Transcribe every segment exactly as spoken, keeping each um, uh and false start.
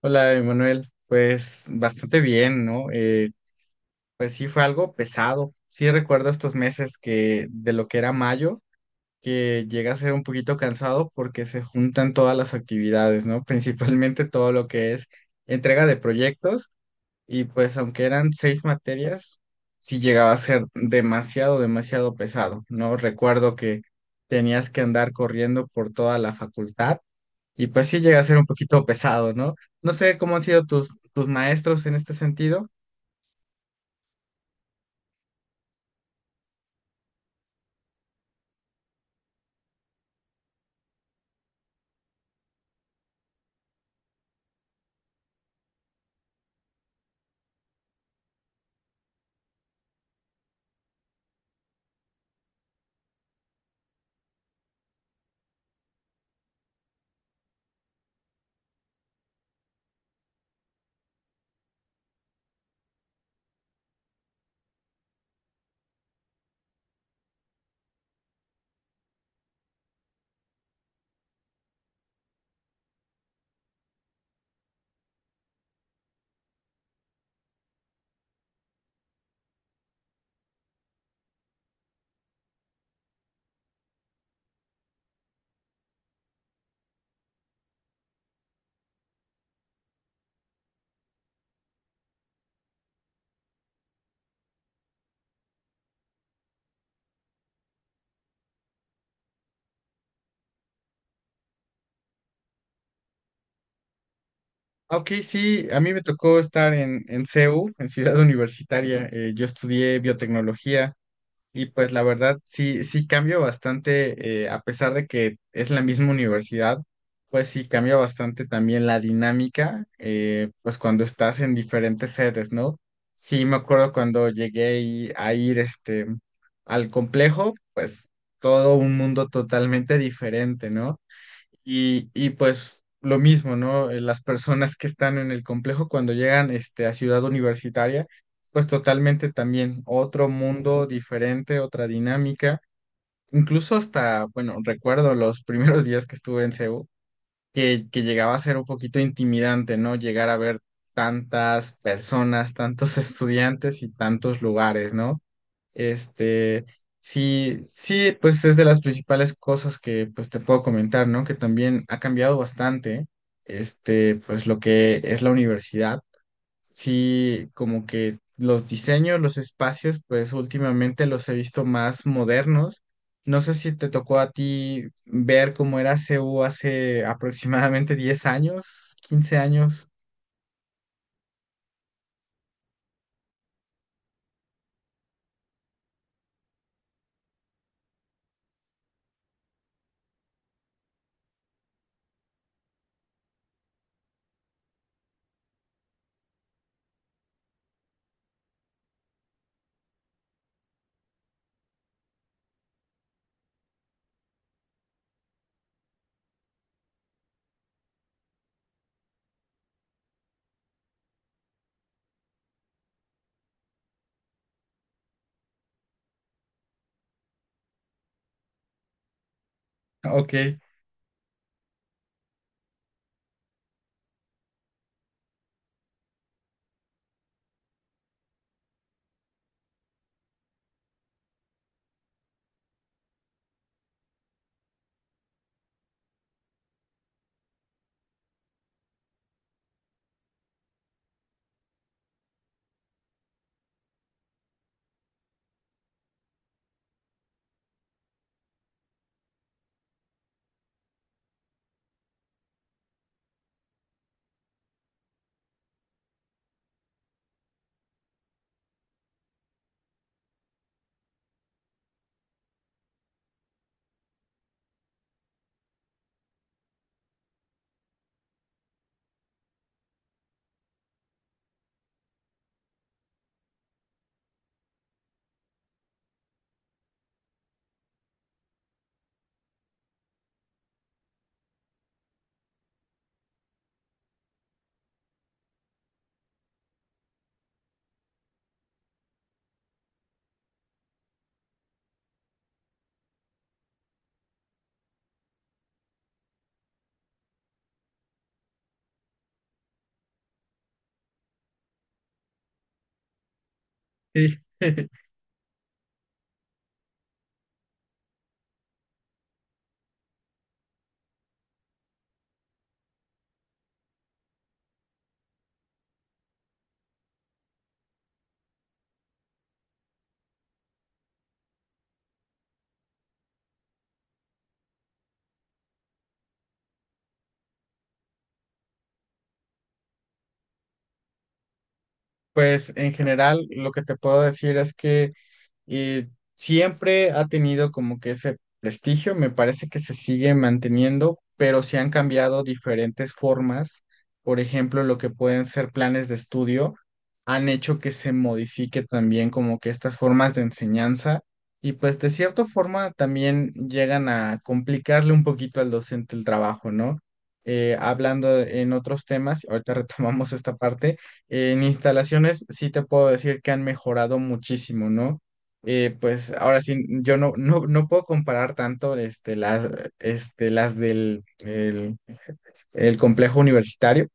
Hola, Emanuel. Pues bastante bien, ¿no? Eh, pues sí fue algo pesado. Sí recuerdo estos meses que de lo que era mayo, que llega a ser un poquito cansado porque se juntan todas las actividades, ¿no? Principalmente todo lo que es entrega de proyectos y pues aunque eran seis materias, sí llegaba a ser demasiado, demasiado pesado, ¿no? Recuerdo que tenías que andar corriendo por toda la facultad y pues sí llega a ser un poquito pesado, ¿no? No sé cómo han sido tus, tus maestros en este sentido. Ah, Ok, sí, a mí me tocó estar en, en C E U, en Ciudad Universitaria. Eh, yo estudié biotecnología. Y pues la verdad, sí, sí cambia bastante, eh, a pesar de que es la misma universidad, pues sí cambia bastante también la dinámica, eh, pues cuando estás en diferentes sedes, ¿no? Sí, me acuerdo cuando llegué y- a ir este, al complejo, pues todo un mundo totalmente diferente, ¿no? Y, y pues lo mismo, ¿no? Eh, Las personas que están en el complejo cuando llegan este, a Ciudad Universitaria, pues totalmente también otro mundo diferente, otra dinámica. Incluso hasta, bueno, recuerdo los primeros días que estuve en C E U, que, que llegaba a ser un poquito intimidante, ¿no? Llegar a ver tantas personas, tantos estudiantes y tantos lugares, ¿no? Este, sí, sí, pues es de las principales cosas que pues te puedo comentar, ¿no? Que también ha cambiado bastante, este, pues lo que es la universidad. Sí, como que los diseños, los espacios, pues últimamente los he visto más modernos. No sé si te tocó a ti ver cómo era C U hace aproximadamente diez años, quince años. Ok, sí. Pues en general lo que te puedo decir es que y siempre ha tenido como que ese prestigio, me parece que se sigue manteniendo, pero se han cambiado diferentes formas, por ejemplo, lo que pueden ser planes de estudio, han hecho que se modifique también como que estas formas de enseñanza y pues de cierta forma también llegan a complicarle un poquito al docente el trabajo, ¿no? Eh, hablando en otros temas, ahorita retomamos esta parte. En instalaciones sí te puedo decir que han mejorado muchísimo, ¿no? eh, pues ahora sí, yo no, no, no puedo comparar tanto este, las, este, las del el, el complejo universitario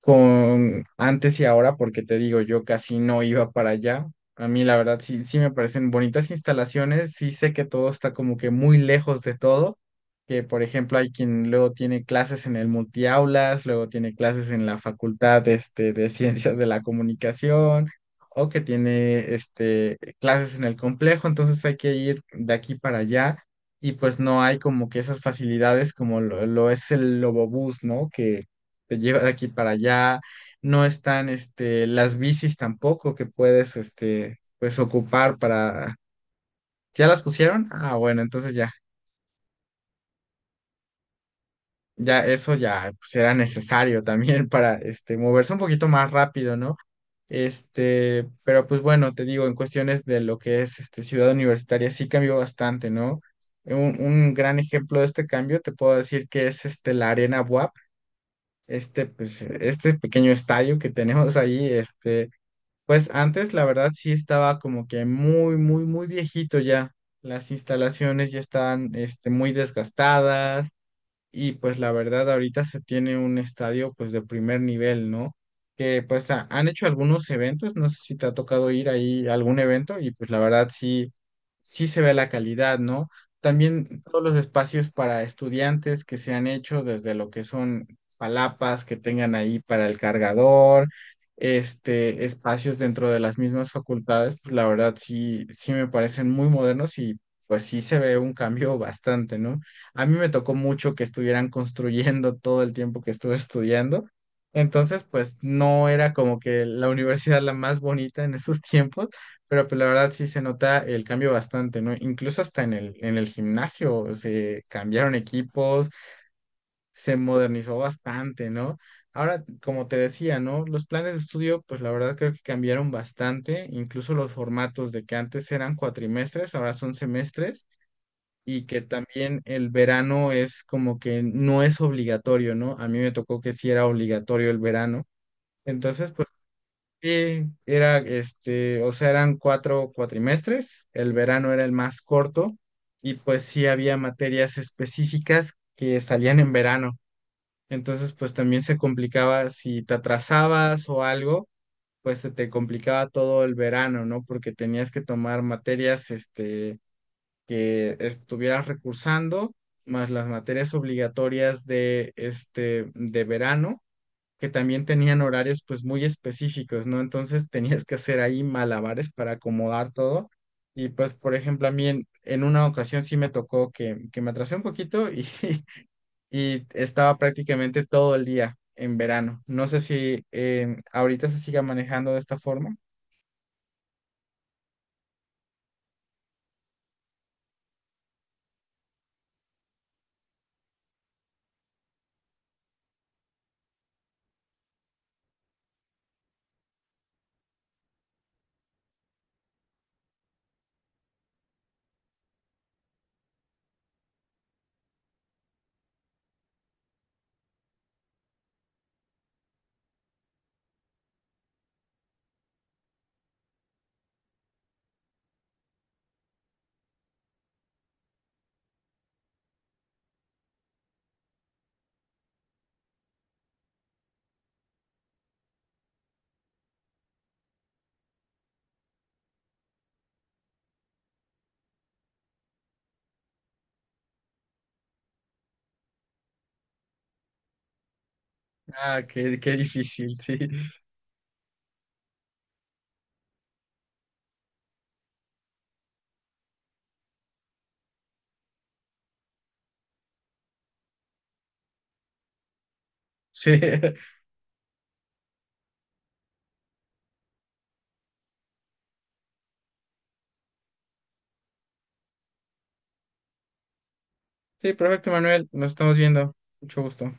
con antes y ahora, porque te digo, yo casi no iba para allá. A mí la verdad sí, sí me parecen bonitas instalaciones, sí sé que todo está como que muy lejos de todo, que por ejemplo hay quien luego tiene clases en el multiaulas, luego tiene clases en la facultad este, de ciencias de la comunicación, o que tiene este, clases en el complejo, entonces hay que ir de aquí para allá. Y pues no hay como que esas facilidades como lo, lo es el Lobobús, ¿no? Que te lleva de aquí para allá, no están este, las bicis tampoco que puedes este, pues ocupar para. ¿Ya las pusieron? Ah, bueno, entonces ya, ya eso ya pues, era necesario también para este, moverse un poquito más rápido, ¿no? Este, pero pues bueno, te digo, en cuestiones de lo que es este, Ciudad Universitaria sí cambió bastante, ¿no? Un, un gran ejemplo de este cambio te puedo decir que es este, la Arena W A P, este, pues, este pequeño estadio que tenemos ahí. este, Pues antes, la verdad, sí estaba como que muy, muy, muy viejito ya. Las instalaciones ya estaban, este, muy desgastadas y pues la verdad ahorita se tiene un estadio pues de primer nivel, ¿no? Que pues ha- han hecho algunos eventos, no sé si te ha tocado ir ahí a algún evento y pues la verdad sí, sí se ve la calidad, ¿no? También todos los espacios para estudiantes que se han hecho, desde lo que son palapas que tengan ahí para el cargador, este, espacios dentro de las mismas facultades, pues la verdad sí, sí me parecen muy modernos y pues sí se ve un cambio bastante, ¿no? A mí me tocó mucho que estuvieran construyendo todo el tiempo que estuve estudiando. Entonces, pues no era como que la universidad la más bonita en esos tiempos, pero pues la verdad sí se nota el cambio bastante, ¿no? Incluso hasta en el, en el gimnasio se cambiaron equipos, se modernizó bastante, ¿no? Ahora, como te decía, ¿no? Los planes de estudio, pues la verdad creo que cambiaron bastante, incluso los formatos, de que antes eran cuatrimestres, ahora son semestres, y que también el verano es como que no es obligatorio, ¿no? A mí me tocó que sí era obligatorio el verano. Entonces, pues sí, era este, o sea, eran cuatro cuatrimestres, el verano era el más corto y pues sí había materias específicas que salían en verano. Entonces, pues también se complicaba si te atrasabas o algo, pues se te complicaba todo el verano, ¿no? Porque tenías que tomar materias, este, que estuvieras recursando, más las materias obligatorias de este de verano, que también tenían horarios pues muy específicos, ¿no? Entonces tenías que hacer ahí malabares para acomodar todo. Y pues, por ejemplo, a mí en, en una ocasión sí me tocó que, que me atrasé un poquito y, y estaba prácticamente todo el día en verano. No sé si eh, ahorita se siga manejando de esta forma. Ah, qué, qué difícil, sí, sí. Sí, perfecto, Manuel. Nos estamos viendo. Mucho gusto.